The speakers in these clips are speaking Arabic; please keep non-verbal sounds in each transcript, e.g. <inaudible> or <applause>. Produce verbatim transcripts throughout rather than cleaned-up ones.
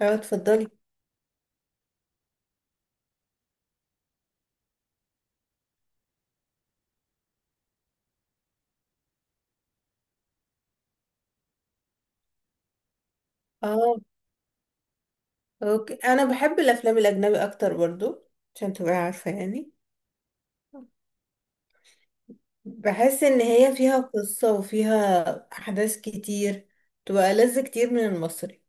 اه، اتفضلي. اه اوكي، انا بحب الافلام الاجنبي اكتر برضو، عشان تبقى عارفة يعني. بحس ان هي فيها قصة وفيها احداث كتير، تبقى لذة كتير من المصري.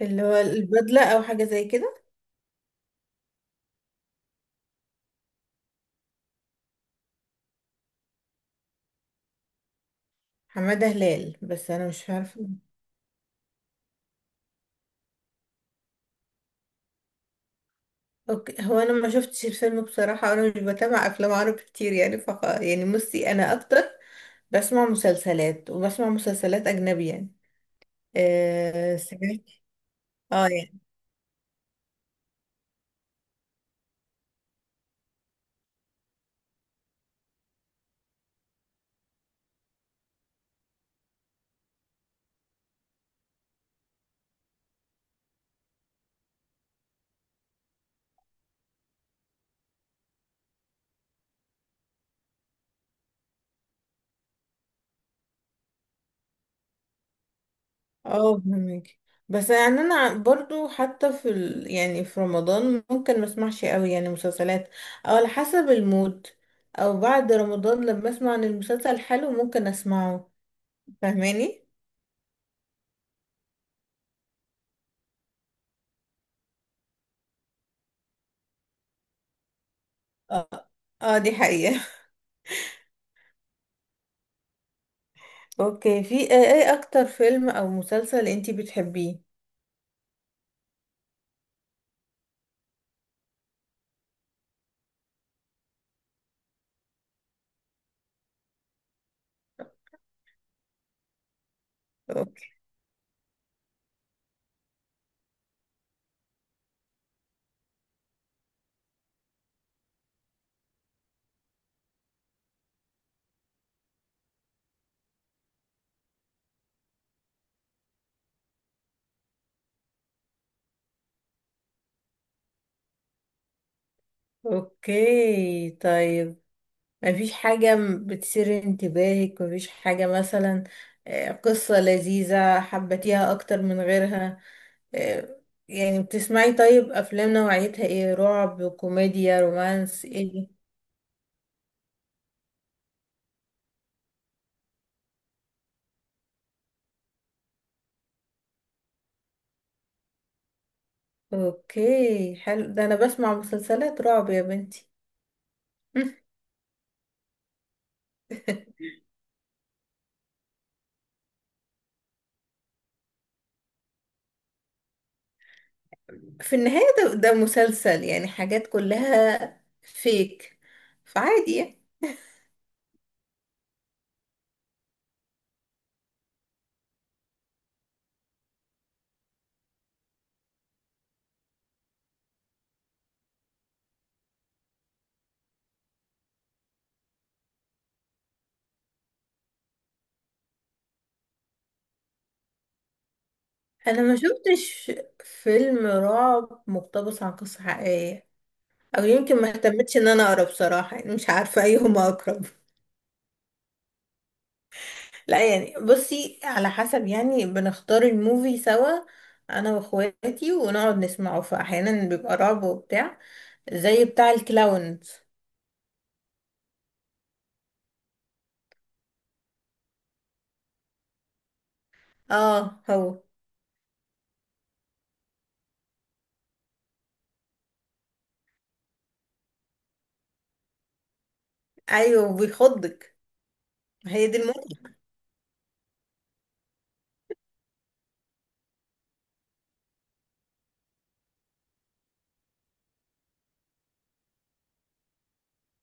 اللي هو البدلة او حاجة زي كده. حمادة هلال، بس انا مش عارفة. اوكي، هو انا ما شفتش الفيلم بصراحة، انا مش بتابع افلام عربي كتير يعني فخ. يعني بصي، انا اكتر بسمع مسلسلات، وبسمع مسلسلات اجنبي يعني. آه سمعت. اه يعني. اه فهمك. بس يعني انا برضو حتى في ال... يعني في رمضان ممكن ما اسمعش قوي يعني مسلسلات، او على حسب المود، او بعد رمضان لما اسمع عن المسلسل حلو ممكن اسمعه. فاهماني. اه. اه دي حقيقة. <laughs> اوكي، في ايه، إيه اكتر فيلم او مسلسل انتي بتحبيه؟ اوكي اوكي طيب. مفيش حاجة م- بتثير انتباهك؟ مفيش حاجة مثلا آه، قصة لذيذة حبتيها اكتر من غيرها؟ آه، يعني بتسمعي طيب افلام نوعيتها ايه؟ رعب، كوميديا، رومانس، ايه؟ اوكي حلو، ده انا بسمع مسلسلات رعب يا بنتي. <laughs> في النهاية ده, ده مسلسل يعني، حاجات كلها فيك، فعادي يعني. انا ما شفتش فيلم رعب مقتبس عن قصة حقيقية، او يمكن ما اهتمتش ان انا اقرا بصراحة، يعني مش عارفة ايهما اقرب. لا يعني بصي، على حسب يعني، بنختار الموفي سوا انا واخواتي، ونقعد نسمعه، فاحيانا بيبقى رعب وبتاع، زي بتاع الكلاونز. اه هو. ايوه بيخضك. هي دي الموت.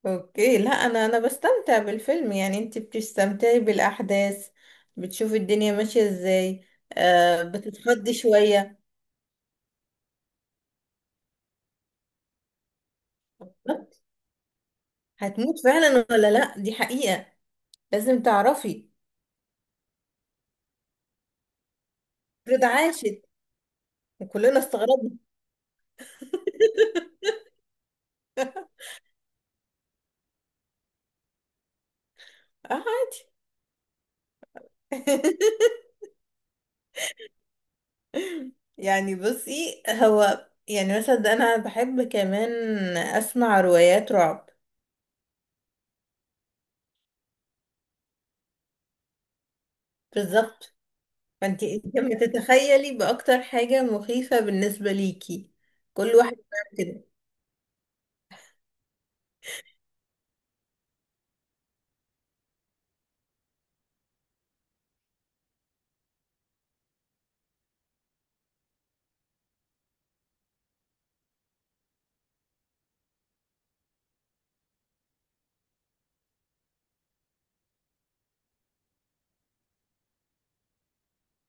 اوكي لا، انا انا بستمتع بالفيلم يعني، انت بتستمتعي بالاحداث، بتشوفي الدنيا ماشيه ازاي. آه بتتخضي شويه. هتموت فعلا ولا لا، دي حقيقه، لازم تعرفي. فريد عاشت وكلنا استغربنا. آه. <laughs> يعني بصي، هو يعني مثلا ده، انا بحب كمان اسمع روايات رعب. بالظبط. فانت انت لما تتخيلي باكتر حاجة مخيفة بالنسبة ليكي، كل واحد بيعمل كده.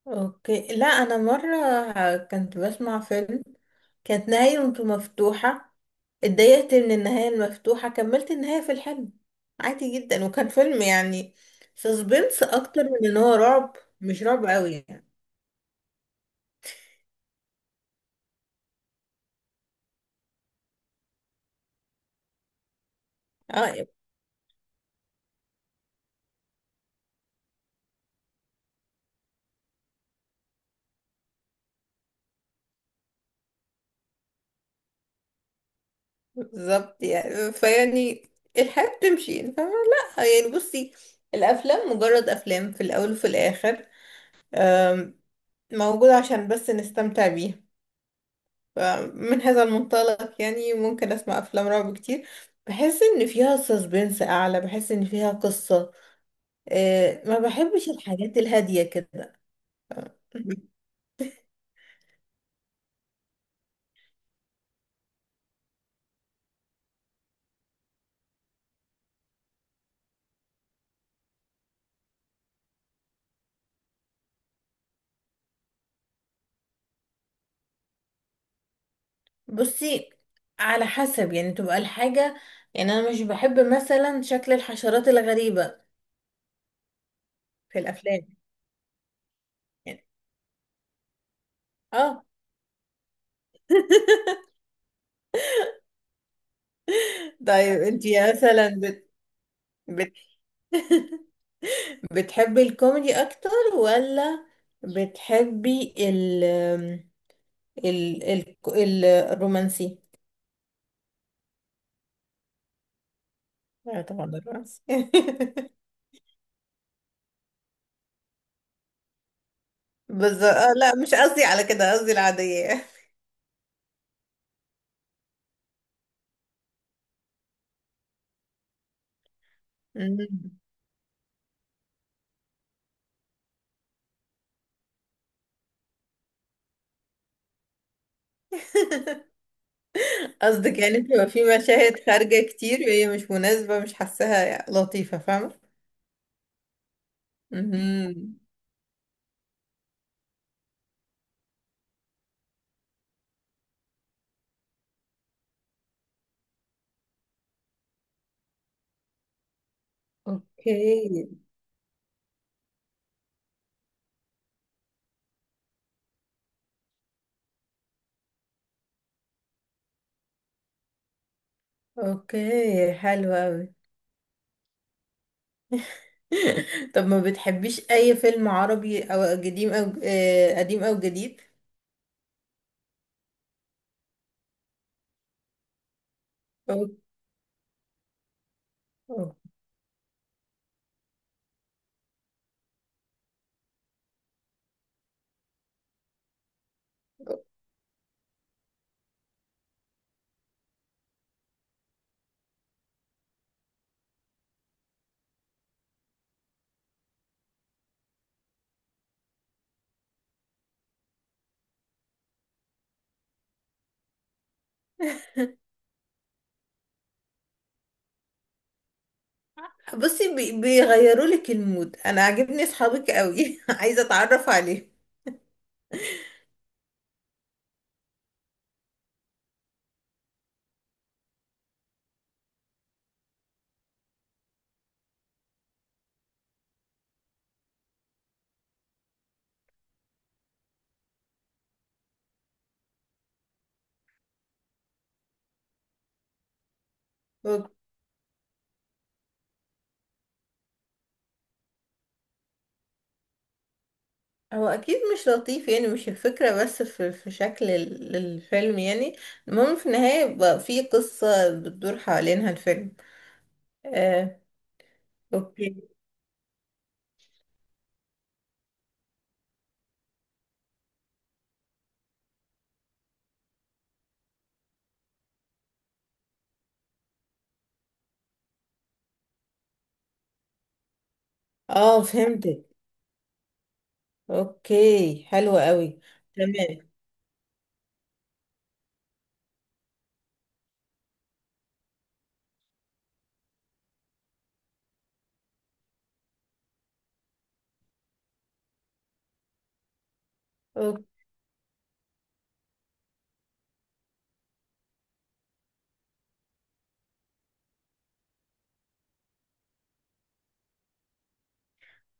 اوكي لا، انا مرة كنت بسمع فيلم كانت نهايته مفتوحة، اتضايقت من النهاية المفتوحة، كملت النهاية في الحلم، عادي جدا. وكان فيلم يعني سسبنس اكتر من ان هو رعب، مش رعب قوي يعني. اه بالظبط يعني، فيعني الحياة بتمشي يعني، فاهمة؟ لا يعني بصي، الأفلام مجرد أفلام في الأول وفي الآخر، أم، موجودة عشان بس نستمتع بيها. فمن هذا المنطلق يعني ممكن أسمع أفلام رعب كتير. بحس إن فيها سسبنس أعلى، بحس إن فيها قصة. أه، ما بحبش الحاجات الهادية كده. بصي على حسب يعني تبقى الحاجة، يعني أنا مش بحب مثلا شكل الحشرات الغريبة في الأفلام يعني. اه. <laughs> طيب انت مثلا بت... بت... <laughs> بتحبي الكوميدي اكتر، ولا بتحبي ال ال ال ال- الرومانسي؟ لا طبعا الرومانسي. <laughs> بس آه، لا مش قصدي على كده، قصدي العادية. مم. <laughs> قصدك يعني بتبقى في مشاهد خارجة كتير، وهي مش مناسبة، مش حاساها لطيفة، فاهمة؟ مهم. اوكي اوكي حلو أوي. <laughs> طب ما بتحبيش اي فيلم عربي او قديم، او آه، قديم او جديد؟ <laughs> أو- أو- بصي بي- بيغيروا لك المود. انا عاجبني اصحابك قوي، <laughs> عايزه اتعرف عليه. هو هو اكيد مش لطيف يعني، مش الفكره بس في, في شكل ال- الفيلم يعني. المهم في النهايه يبقى في قصه بتدور حوالينها الفيلم. آه. اوكي. اه فهمتك. اوكي حلوه قوي. تمام.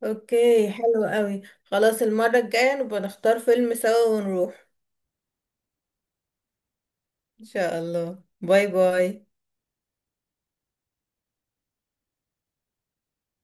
اوكي حلو قوي، خلاص المرة الجاية نبقى نختار فيلم سوا ونروح. ان شاء الله، باي باي.